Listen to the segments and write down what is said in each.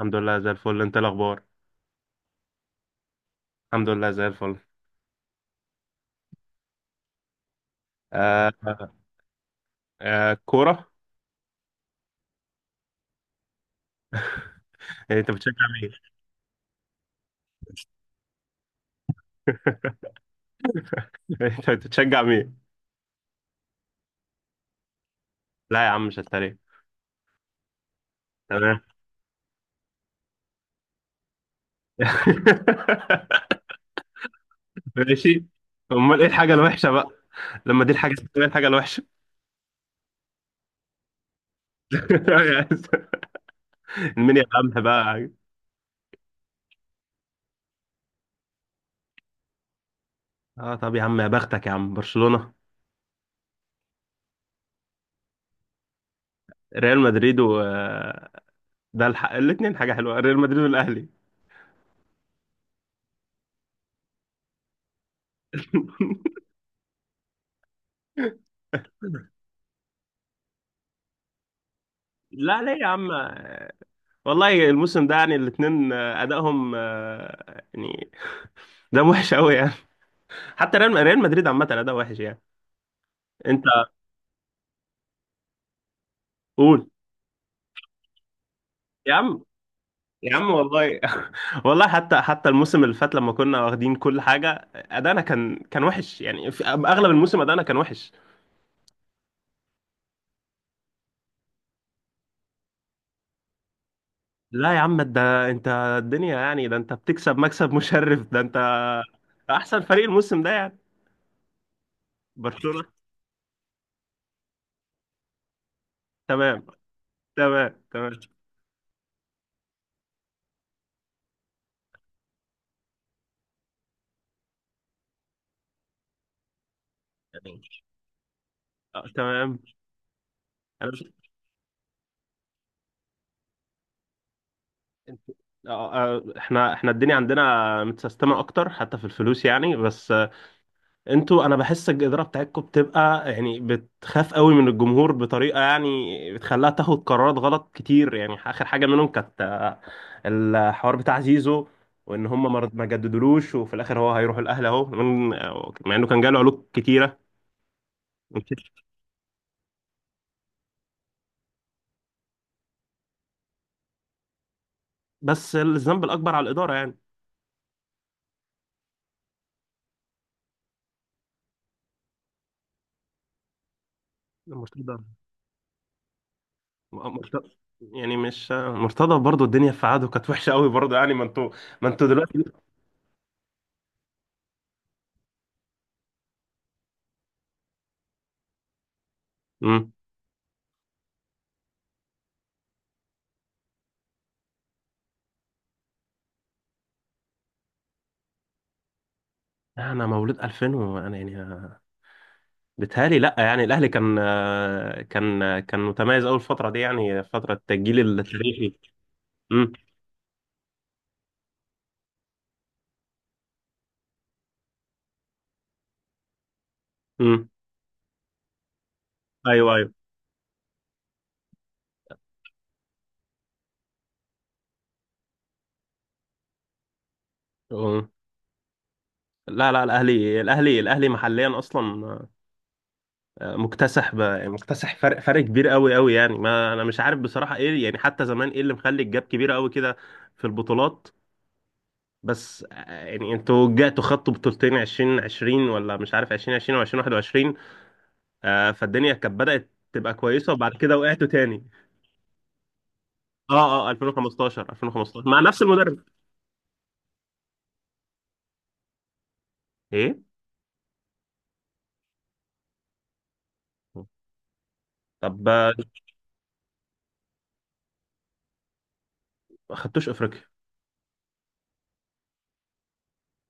الحمد لله زي الفل، انت إيه الاخبار؟ الحمد لله زي الفل. آه، تمام. آه، كوره. إيه، انت بتشجع مين؟ انت بتشجع مين؟ لا يا عم، مش هتريق. تمام. ماشي. امال ايه الحاجه الوحشه بقى؟ لما دي الحاجه، ايه الحاجه الوحشه؟ مين يا عم بقى؟ اه، طب يا عم، يا بختك يا عم برشلونه. ريال مدريد و الاثنين حاجه حلوه، ريال مدريد والاهلي. لا ليه يا عم؟ والله الموسم ده، يعني الاثنين ادائهم، يعني ده وحش قوي يعني. حتى ريال مدريد عامه اداء وحش يعني. انت. قول. يا عم يا عم والله. والله، حتى الموسم اللي فات لما كنا واخدين كل حاجه، ادائنا كان وحش يعني. في اغلب الموسم ادائنا كان وحش. لا يا عم، ده انت. الدنيا يعني، ده انت بتكسب مكسب مشرف، ده انت. احسن فريق الموسم ده يعني. برشلونه. تمام. تمام، تمام. آه، تمام. انا مش انت- احنا الدنيا عندنا متسيستمه اكتر، حتى في الفلوس يعني بس. انتوا، انا بحس الاداره بتاعتكم بتبقى يعني بتخاف قوي من الجمهور بطريقه، يعني بتخليها تاخد قرارات غلط كتير، يعني اخر حاجه منهم كانت الحوار بتاع زيزو. وان هم ما جددولوش، وفي الاخر هو هيروح الاهلي اهو، مع انه كان جاله علوق كتيره. بس الذنب الاكبر على الاداره يعني. المرتضى. يعني مش مرتضى برضو، الدنيا في عاده كانت وحشه قوي برضو يعني، ما انتوا. ما انتوا دلوقتي. امم. انا مولود 2000 وانا يعني. بيتهيألي لا، يعني الاهلي كان، كان متميز اول الفتره دي يعني فتره التجيل التاريخي. امم، امم. ايوه، ايوه. أمم. لا، لا، الاهلي محليا اصلا. آه، مكتسح ب... مكتسح فرق كبير، قوي قوي يعني. ما انا مش عارف بصراحه ايه يعني، حتى زمان ايه اللي مخلي الجاب كبيره قوي كده في البطولات. بس، يعني انتوا جاتوا خدتوا بطولتين 2020، ولا مش عارف 2020 او 2021، فالدنيا كانت بدأت تبقى كويسة وبعد كده وقعتوا تاني. اه، اه، 2015 2015 مع نفس المدرب. ايه؟ طب. ما خدتوش افريقيا.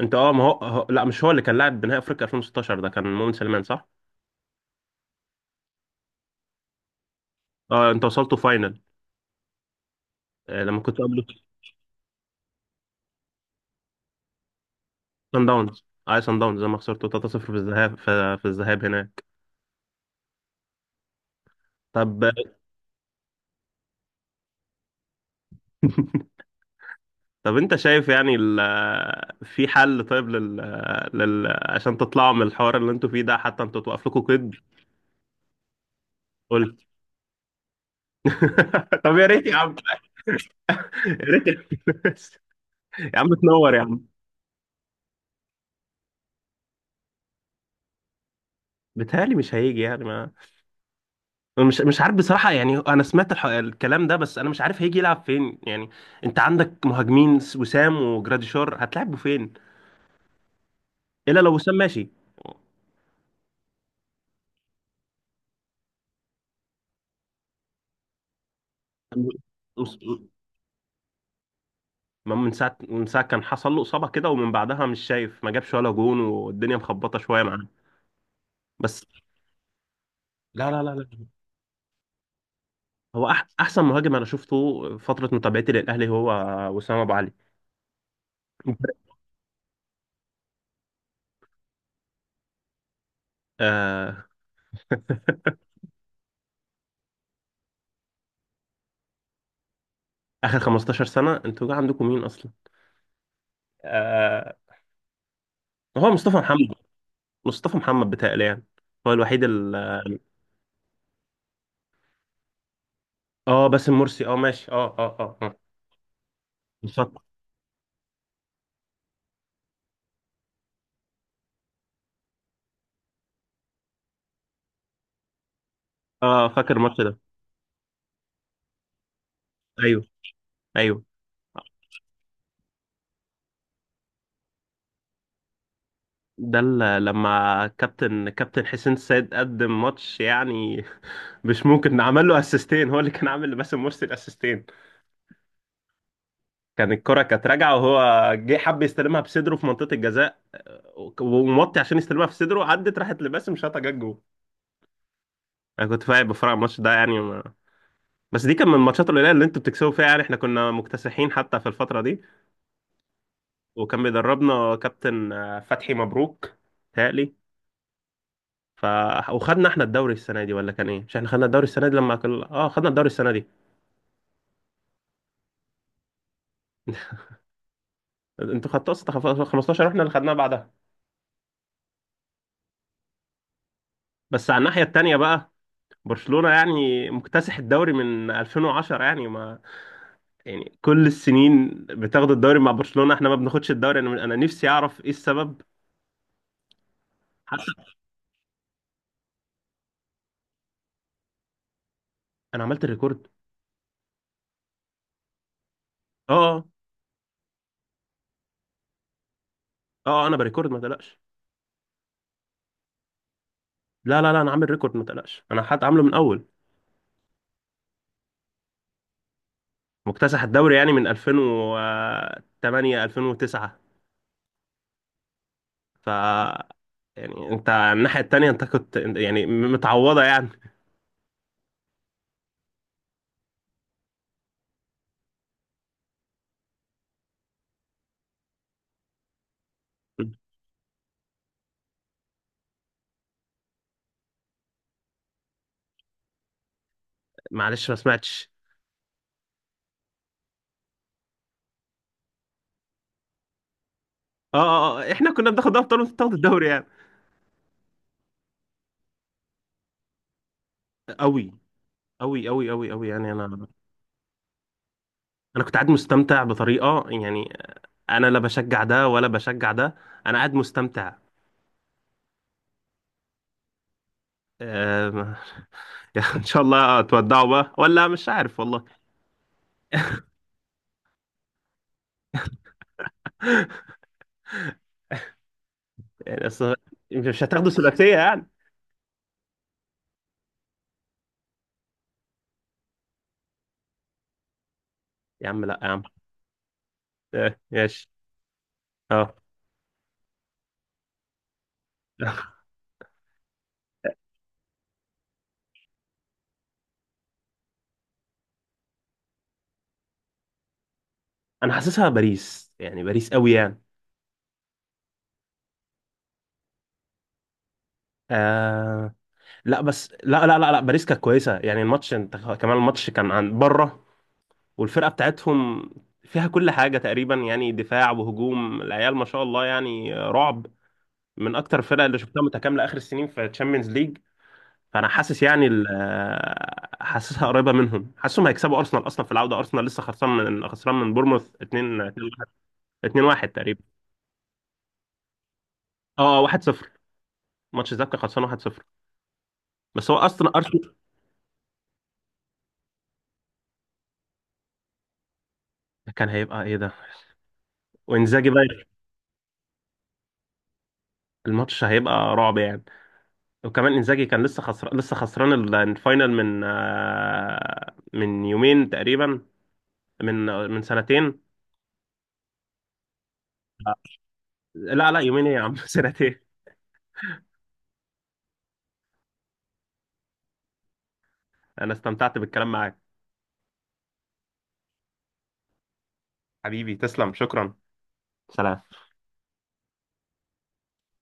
انت اه، ما هو لا مش هو اللي كان لاعب بنهائي افريقيا 2016، ده كان مؤمن سليمان صح؟ اه، انت وصلتوا فاينل. لما كنت قبل. سان داونز، سان داونز لما خسرتوا 3-0 في الذهاب، في الذهاب هناك. طب. طب انت شايف يعني، في حل طيب لل, لل عشان تطلعوا من الحوار اللي انتوا فيه ده، حتى انتوا توقف لكم قيد. قلت. طب يا ريت يا عم. يا ريت يا عم. يا عم تنور يا عم. بيتهيألي مش هيجي يعني ما. أنا مش عارف بصراحة، يعني انا سمعت الكلام ده، بس انا مش عارف هيجي يلعب فين يعني. انت عندك مهاجمين، وسام وجراديشار، هتلعبوا فين؟ الا لو وسام ماشي. ما من ساعة كان حصل له إصابة كده، ومن بعدها مش شايف، ما جابش ولا جون، والدنيا مخبطة شوية معاه. بس. لا، لا، لا، لا. هو أحسن مهاجم أنا شفته فترة متابعتي للأهلي، هو وسام أبو علي. آه آخر 15 سنة أنتوا جا عندكم مين أصلا؟ آه. هو مصطفى محمد. مصطفى محمد بتهيألي يعني، هو الوحيد آه، باسم مرسي، أه، ماشي، أه، أه، أه، آه. اتفضل. آه، فاكر الماتش ده. أيوه. أيوه. ده لما كابتن حسين السيد قدم ماتش يعني. مش ممكن، عمل له اسيستين، هو اللي كان عامل لباسم مرسي الاسيستين. كان الكرة كانت راجعة، وهو جه حب يستلمها بصدره في منطقة الجزاء، وموطي عشان يستلمها في صدره، عدت راحت لباسم، شاطها، جت جول. انا كنت فاهم بفرع الماتش ده يعني ما... بس دي كان من الماتشات القليلة اللي انتوا بتكسبوا فيها، يعني احنا كنا مكتسحين حتى في الفترة دي. وكان بيدربنا كابتن فتحي مبروك. تهيألي. ف وخدنا احنا الدوري السنه دي، ولا كان ايه؟ مش احنا خدنا الدوري السنه دي لما كل... اه خدنا الدوري السنه دي. انتوا خدتوا اصلا 15، واحنا اللي خدناها بعدها. بس على الناحيه التانيه بقى. برشلونه يعني مكتسح الدوري من 2010 يعني ما. يعني كل السنين بتاخد الدوري مع برشلونه، احنا ما بناخدش الدوري، انا نفسي اعرف ايه السبب. حتى. انا عملت الريكورد. اه، اه، اه، انا بريكورد ما تقلقش. لا، لا، لا، انا عامل ريكورد، ما تقلقش، انا حد عامله من اول. مكتسح الدوري يعني من 2008 2009. ف يعني انت على الناحية التانية، انت كنت يعني متعوضة يعني. معلش ما سمعتش. اه، اه، اه، احنا كنا بناخد ابطال، وانت بتاخد الدوري يعني. قوي، قوي، قوي، قوي، قوي يعني، انا كنت قاعد مستمتع بطريقة يعني. انا لا بشجع ده ولا بشجع ده. انا قاعد مستمتع. آه، ان شاء الله تودعوا بقى، ولا مش عارف والله. يعني اصل. مش هتاخدوا ثلاثية يعني؟ يا عم لا يا عم. آه، ماشي. اه. انا حاسسها باريس، يعني باريس قوي يعني. آه. لا بس، لا، لا، لا، لا، باريس كانت كويسه، يعني الماتش انت كمان الماتش كان عن بره. والفرقه بتاعتهم فيها كل حاجه تقريبا، يعني دفاع وهجوم، العيال ما شاء الله يعني، رعب. من اكتر الفرق اللي شفتها متكامله اخر السنين في تشامبيونز ليج. فانا حاسس يعني حاسسها قريبه منهم، حاسسهم هيكسبوا ارسنال اصلا في العوده، ارسنال لسه خسران من بورموث 2 2-1 2-1 تقريبا، اه 1-0. ماتش الذهاب كان خسران 1-0. بس هو اصلا ارسنال. كان هيبقى ايه ده! وانزاجي بقى. الماتش هيبقى رعب يعني. وكمان انزاجي كان لسه خسران الفاينل من يومين تقريبا. من سنتين. آه، لا، لا، يومين ايه يا عم، سنتين. انا استمتعت بالكلام معاك. حبيبي تسلم، شكرا. سلام.